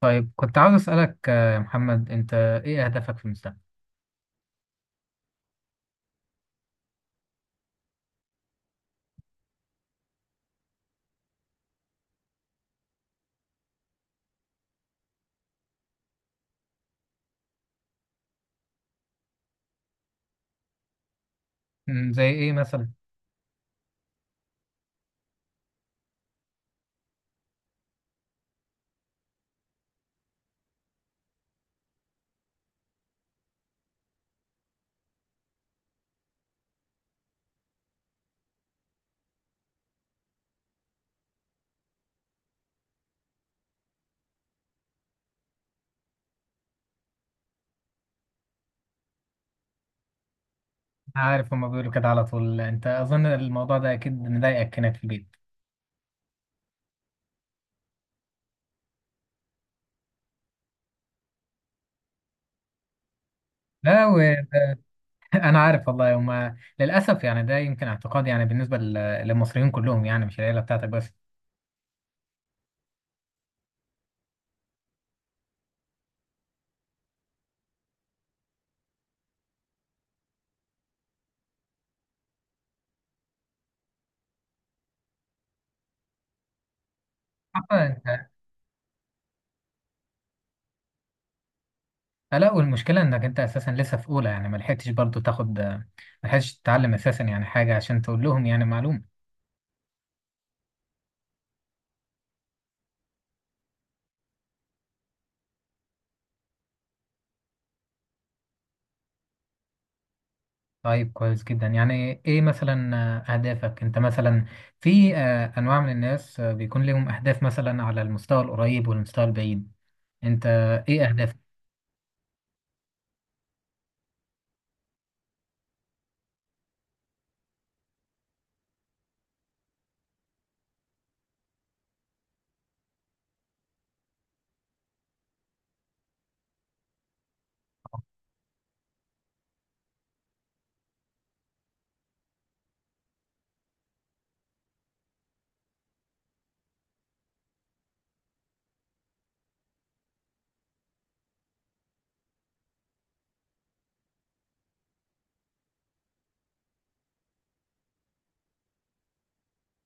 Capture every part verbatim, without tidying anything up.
طيب كنت عاوز أسألك آه، يا محمد، أنت إيه أهدافك في المستقبل؟ مم، زي إيه مثلا؟ عارف، هما بيقولوا كده على طول. أنت أظن الموضوع ده أكيد مضايقك هناك في البيت. لا، وأنا عارف، والله هما للأسف يعني ده يمكن اعتقاد، يعني بالنسبة لل- للمصريين كلهم، يعني مش العيلة بتاعتك بس. حتى أنت. لا، والمشكلة إنك أنت أساسا لسه في أولى، يعني ما لحقتش برضه تاخد، ما لحقتش تتعلم أساسا يعني حاجة عشان تقول لهم يعني معلومة. طيب، كويس جدا. يعني ايه مثلا آه، اهدافك انت مثلا؟ في آه، انواع من الناس آه، بيكون لهم اهداف مثلا على المستوى القريب والمستوى البعيد. انت ايه اهدافك؟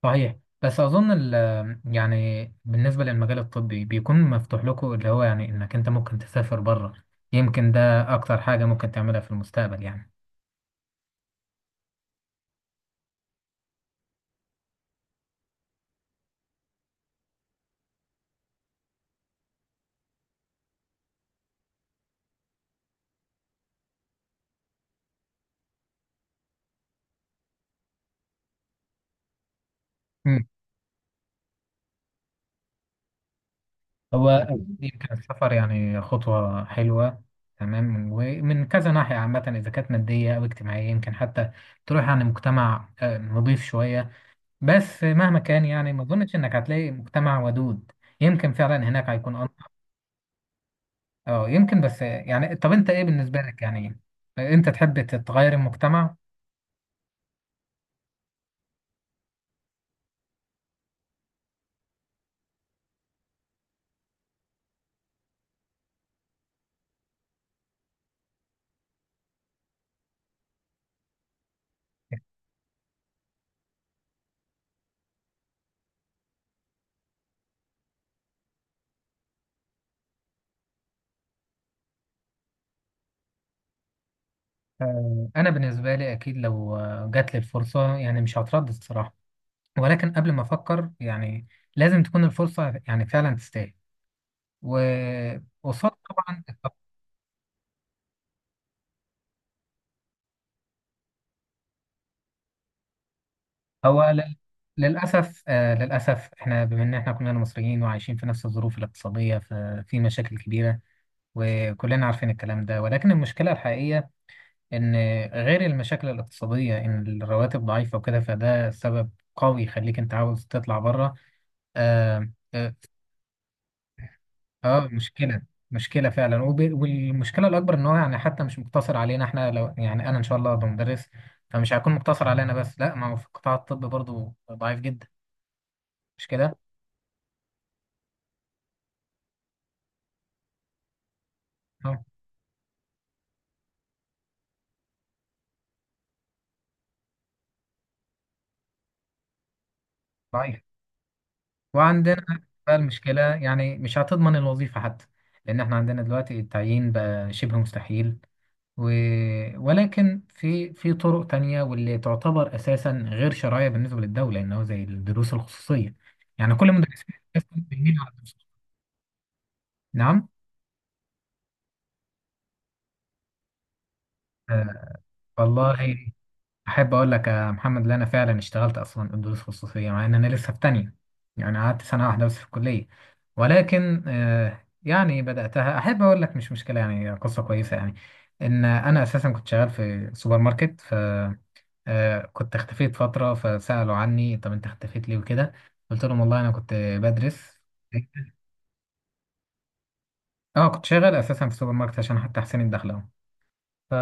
صحيح. بس اظن ال- آه، يعني بالنسبة للمجال الطبي بيكون مفتوح لكم، اللي هو يعني انك انت ممكن تسافر بره. يمكن ده اكتر حاجة ممكن تعملها في المستقبل يعني. هو أكيد يمكن السفر يعني خطوة حلوة. تمام. ومن كذا ناحية عامة، إذا كانت مادية أو اجتماعية، يمكن حتى تروح عن مجتمع آه، نضيف شوية. بس مهما كان يعني، ما أظنش إنك هتلاقي مجتمع ودود. يمكن فعلا هناك هيكون أن- أه يمكن. بس يعني، طب أنت إيه بالنسبة لك يعني، أنت تحب تتغير المجتمع؟ آه، أنا بالنسبة لي أكيد لو آه، جات لي الفرصة، يعني مش هتردد الصراحة. ولكن قبل ما أفكر يعني، لازم تكون الفرصة يعني فعلا تستاهل، وقصاد طبعا. هو لل- للاسف آه للاسف احنا بما ان احنا كلنا مصريين وعايشين في نفس الظروف الاقتصاديه، ففي مشاكل كبيره، وكلنا عارفين الكلام ده. ولكن المشكله الحقيقيه ان، غير المشاكل الاقتصاديه، ان الرواتب ضعيفه وكده، فده سبب قوي يخليك انت عاوز تطلع بره. اه، مشكلة مشكلة فعلا. وب- والمشكلة الأكبر إن هو يعني حتى مش مقتصر علينا إحنا. لو يعني أنا إن شاء الله هبقى مدرس، فمش هيكون مقتصر علينا بس، لا. ما هو في قطاع الطب برضه ضعيف جدا، مش كده؟ اه، ضعيف. وعندنا بقى المشكلة يعني مش هتضمن الوظيفة حتى، لأن إحنا عندنا دلوقتي التعيين بقى شبه مستحيل. و... ولكن في في طرق تانية، واللي تعتبر أساسا غير شرعية بالنسبة للدولة، إن هو زي الدروس الخصوصية، يعني كل مدرسين بيميلوا على الدروس. نعم. آه. والله، احب اقول لك يا محمد ان انا فعلا اشتغلت اصلا دروس خصوصيه مع ان انا لسه في تانية، يعني قعدت سنه واحده بس في الكليه. ولكن آه، يعني بداتها، احب اقول لك مش مشكله يعني، قصه كويسه يعني. ان انا اساسا كنت شغال في سوبر ماركت، ف آه، كنت اختفيت فتره، فسالوا عني: طب انت اختفيت ليه وكده؟ قلت لهم: والله انا كنت بدرس. اه، كنت شغال اساسا في سوبر ماركت عشان حتى احسن الدخل اهو. ف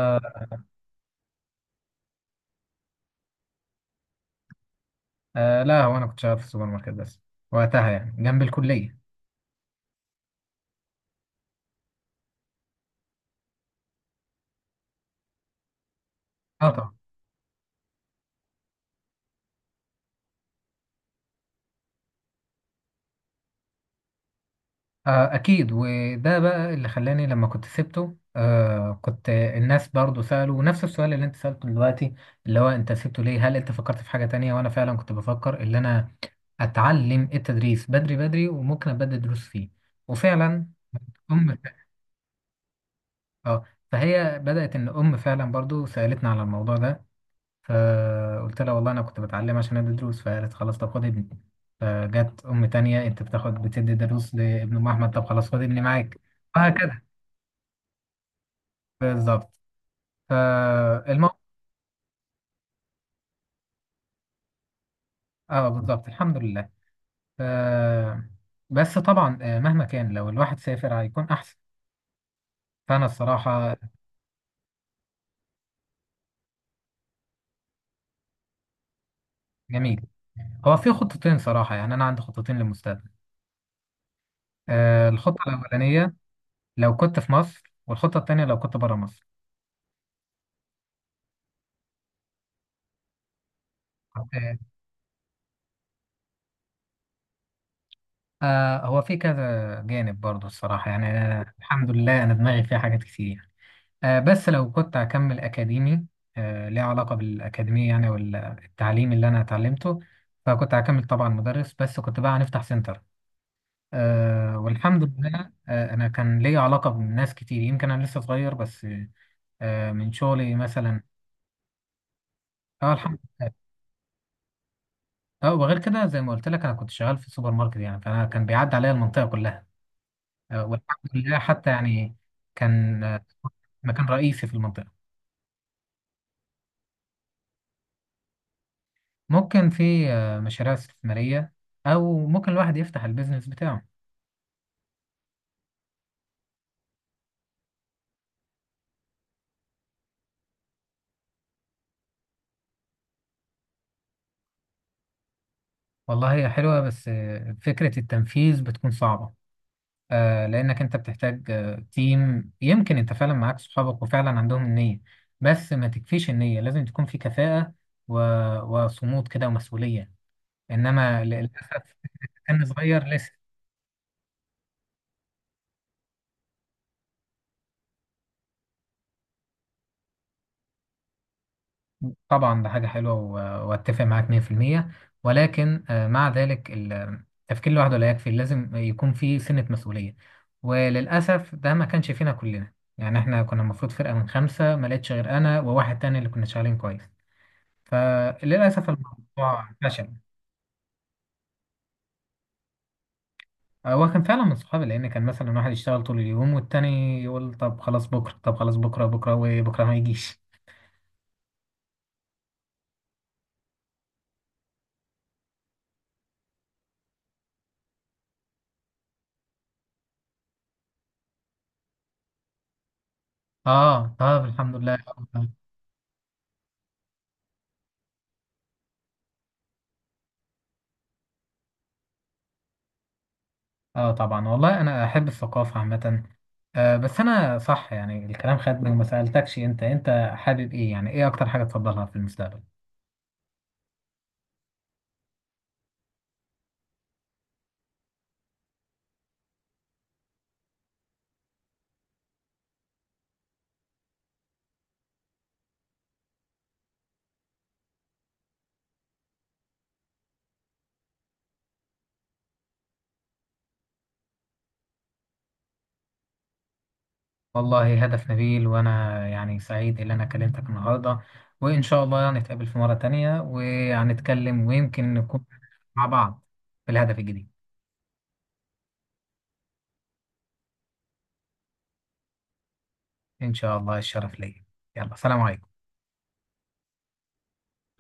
آه، لا، هو انا كنت شغال في سوبر ماركت بس وقتها، يعني جنب الكليه. اه، طبعا. آه، أكيد. وده بقى اللي خلاني لما كنت سبته. آه، كنت الناس برضو سألوا نفس السؤال اللي أنت سألته دلوقتي، اللي هو: أنت سبته ليه؟ هل أنت فكرت في حاجة تانية؟ وأنا فعلا كنت بفكر اللي أنا أتعلم التدريس بدري بدري وممكن أبدأ دروس فيه. وفعلا، أم. آه فهي بدأت، إن أم فعلا برضو سألتنا على الموضوع ده، فقلت لها: والله أنا كنت بتعلم عشان أدي دروس. فقالت: خلاص طب خد ابني. فجت أم تانية: أنت بتاخد، بتدي دروس لابن أم أحمد؟ طب خلاص خد ابني معاك. وهكذا. بالظبط. فالموقف، اه، بالظبط، الحمد لله. ف... بس طبعا آه، مهما كان لو الواحد سافر هيكون احسن، فانا الصراحه. جميل. هو في خطتين صراحه، يعني انا عندي خطتين للمستقبل. آه، الخطه الاولانيه لو كنت في مصر، والخطه التانيه لو كنت بره مصر. آه، آه، هو في كذا جانب برضه الصراحه يعني. أنا الحمد لله انا دماغي فيها حاجات كتير. آه، بس لو كنت هكمل أكاديمي، آه، ليه علاقة بالأكاديمية يعني، والتعليم اللي أنا اتعلمته. فكنت هكمل طبعا مدرس، بس كنت بقى هنفتح سنتر. آه، والحمد لله. آه، أنا كان ليا علاقة بناس كتير، يمكن أنا لسه صغير بس، آه، من شغلي مثلا. اه، الحمد. اه، وغير كده زي ما قلت لك، انا كنت شغال في سوبر ماركت يعني، فانا كان بيعدي عليا المنطقه كلها. آه، والحمد لله. حتى يعني كان آه، مكان رئيسي في المنطقه. ممكن في آه، مشاريع استثماريه، او ممكن الواحد يفتح البيزنس بتاعه. والله هي حلوة، بس آه، فكرة التنفيذ بتكون صعبة. آه لأنك أنت بتحتاج آه تيم. يمكن أنت فعلا معاك صحابك وفعلا عندهم النية، بس ما تكفيش النية، لازم تكون في كفاءة و... وصمود كده ومسؤولية. إنما للأسف. كان صغير لسه. طبعا، ده حاجة حلوة، و- واتفق معاك مية في المية. ولكن آه، مع ذلك ال- التفكير لوحده لا يكفي، لازم يكون في سنة مسؤولية. وللأسف ده ما كانش فينا كلنا. يعني احنا كنا المفروض فرقة من خمسة، ما لقيتش غير أنا وواحد تاني اللي كنا شغالين كويس، فللأسف الموضوع فشل. آه، هو كان فعلا من صحابي، لأن كان مثلا واحد يشتغل طول اليوم، والتاني يقول: طب خلاص بكرة، طب خلاص بكرة، بكرة وبكرة ما يجيش. اه، طب الحمد لله. اه، طبعا. والله انا احب الثقافه عامه. آه بس انا صح، يعني الكلام خدني وما سالتكش، انت انت حابب ايه يعني، ايه اكتر حاجه تفضلها في المستقبل؟ والله، هدف نبيل. وانا يعني سعيد ان انا كلمتك النهارده، وان شاء الله نتقابل في مره تانية وهنتكلم، ويمكن نكون مع بعض في الهدف الجديد. ان شاء الله، الشرف ليا. يلا، سلام عليكم.